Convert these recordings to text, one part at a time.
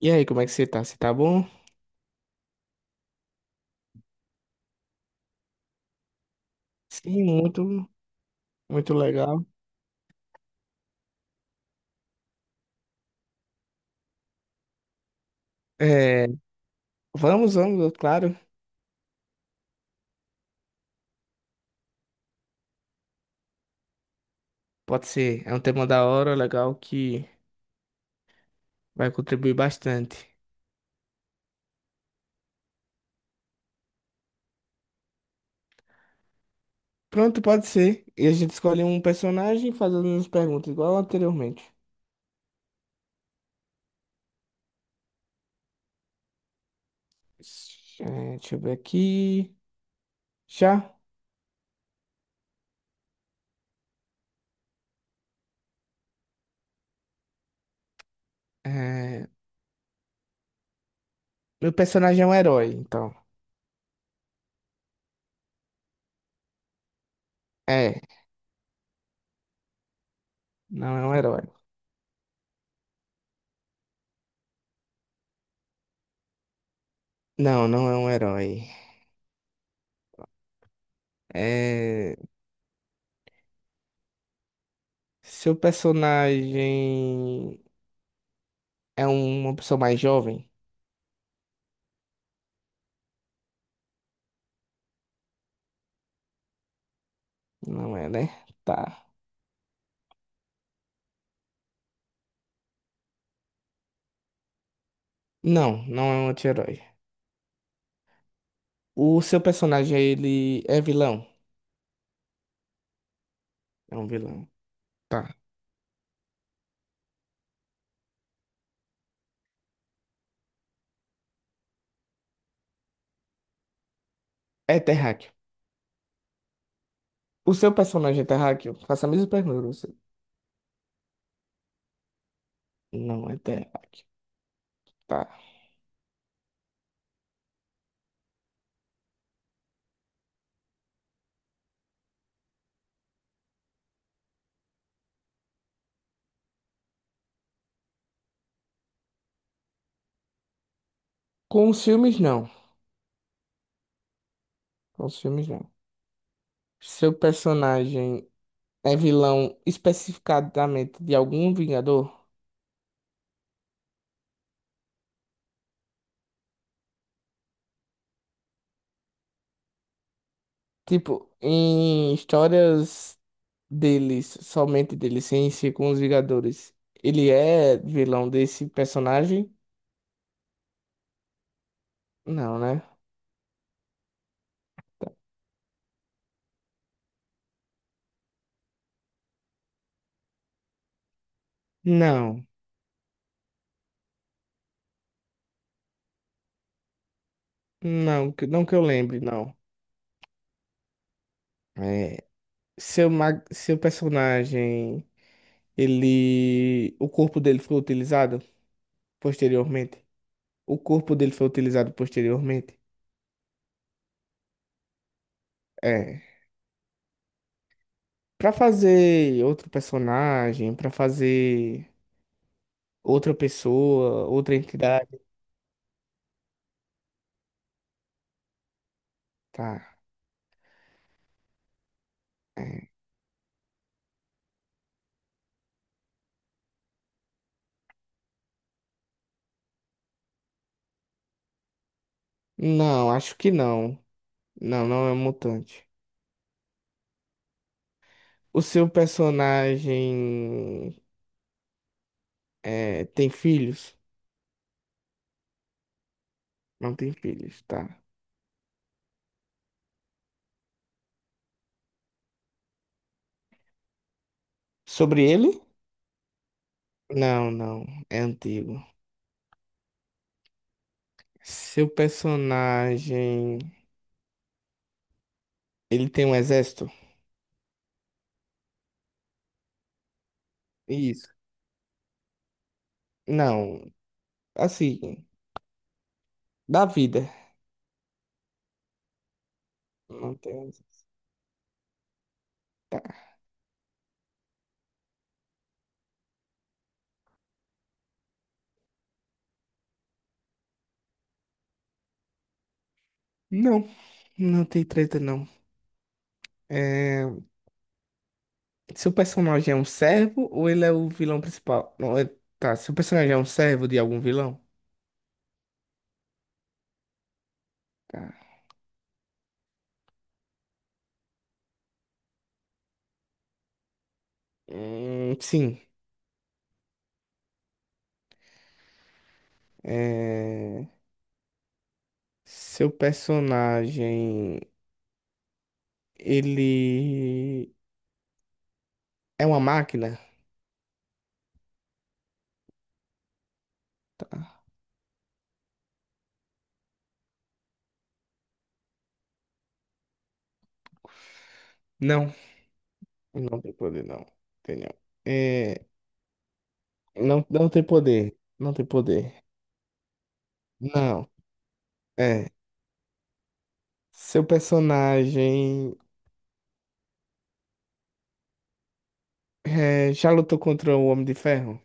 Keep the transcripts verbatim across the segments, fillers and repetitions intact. E aí, como é que você tá? Você tá bom? Sim, muito, muito legal. É, vamos, vamos, claro. Pode ser. É um tema da hora, legal, que vai contribuir bastante. Pronto, pode ser. E a gente escolhe um personagem fazendo as perguntas, igual anteriormente. É, deixa eu ver aqui. Já? É, meu personagem é um herói, então. É, não é um herói. Não, não é um herói. É, seu personagem. É uma pessoa mais jovem? Não é, né? Tá. Não, não é um anti-herói. O seu personagem, ele é vilão? É um vilão. Tá. É terráqueo. O seu personagem é terráqueo? Faça a mesma pergunta pra você. Não é terráqueo. Tá. Com os filmes, não. Com os filmes, não. Seu personagem é vilão especificadamente de algum Vingador? Tipo, em histórias deles, somente dele, sem ser com os Vingadores, ele é vilão desse personagem? Não, né? Não, não, que- não que eu lembre, não. É, seu, mag- seu personagem, ele, o corpo dele foi utilizado posteriormente? O corpo dele foi utilizado posteriormente? É. Pra fazer outro personagem, pra fazer outra pessoa, outra entidade, tá. É. Não, acho que não. Não, não é um mutante. O seu personagem é, tem filhos? Não tem filhos, tá. Sobre ele? Não, não. É antigo. Seu personagem. Ele tem um exército? Isso. Não. Assim, da vida. Não tem um exército. Tá. Não, não tem treta, não. É... Seu personagem é um servo ou ele é o vilão principal? Não, é... Tá. Seu personagem é um servo de algum vilão? Tá. Hum, sim. É, seu personagem, ele é uma máquina? Tá. Não, não tem poder, não. Tem não. É, não, não tem poder. Não tem poder. Não. É. Seu personagem é, já lutou contra o Homem de Ferro?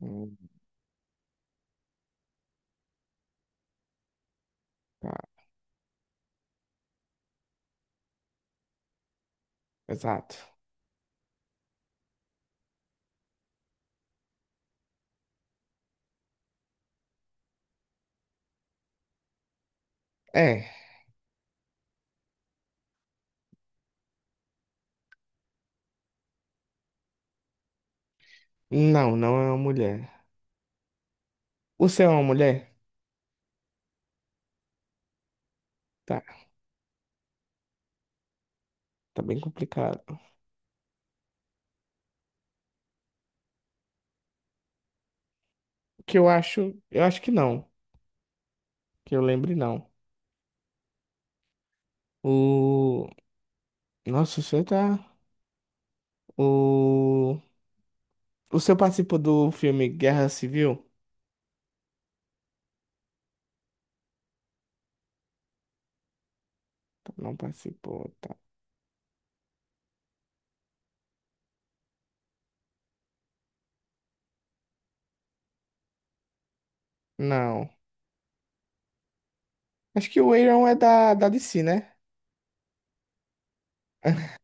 Hum, Tá, exato. É. Não, não é uma mulher. O seu é uma mulher? Tá, tá bem complicado. Que eu acho, eu acho que não. Que eu lembre, não. O... Nossa, você tá. O... o senhor participou do filme Guerra Civil? Não participou, tá. Não. Acho que o Iron é da, da D C, né?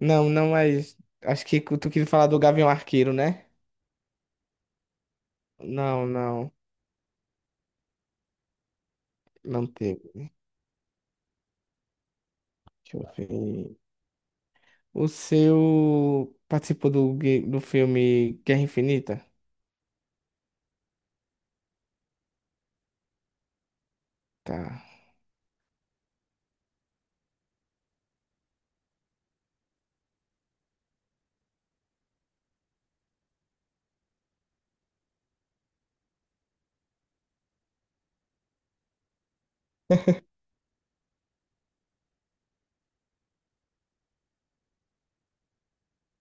Não, não, mas. Acho que tu queria falar do Gavião Arqueiro, né? Não, não. Não teve. Deixa eu ver. O seu participou do, gue- do filme Guerra Infinita? Tá.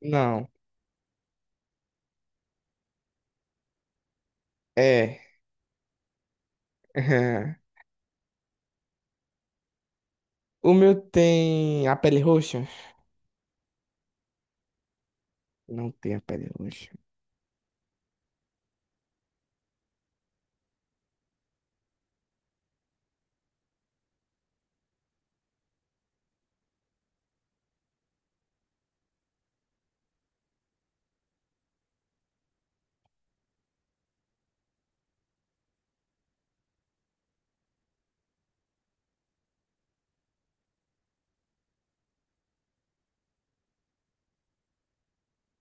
Não. É. O meu tem a pele roxa? Não tem a pele roxa.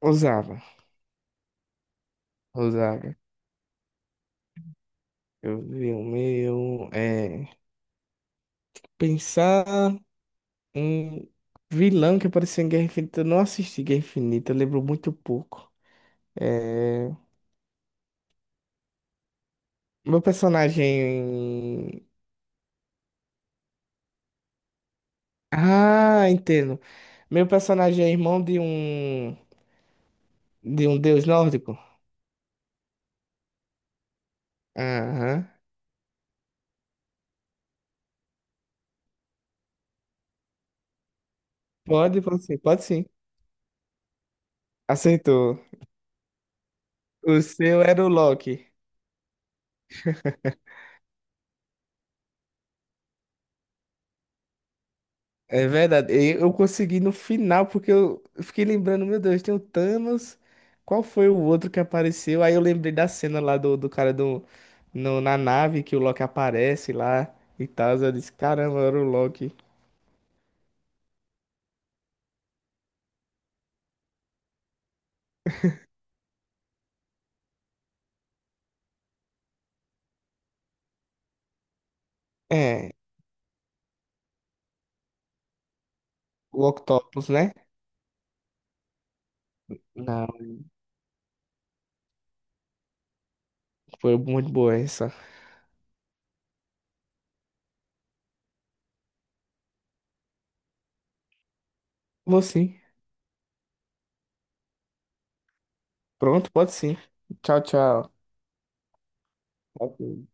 Usava. Usava. Eu vi o meu. É. Pensar um vilão que apareceu em Guerra Infinita. Eu não assisti Guerra Infinita, eu lembro muito pouco. É. Meu personagem. Ah, entendo. Meu personagem é irmão de um. De um deus nórdico? Aham. Pode, pode sim, pode sim. Aceitou. O seu era o Loki. É verdade. E eu consegui no final, porque eu eu fiquei lembrando, meu Deus, tem o Thanos. Qual foi o outro que apareceu? Aí eu lembrei da cena lá do, do cara do, no, na nave que o Loki aparece lá e tal. Eu disse, caramba, era o Loki. É, o Octopus, né? Não, foi muito boa essa. Vou sim. Pronto, pode sim. Tchau, tchau. Ok.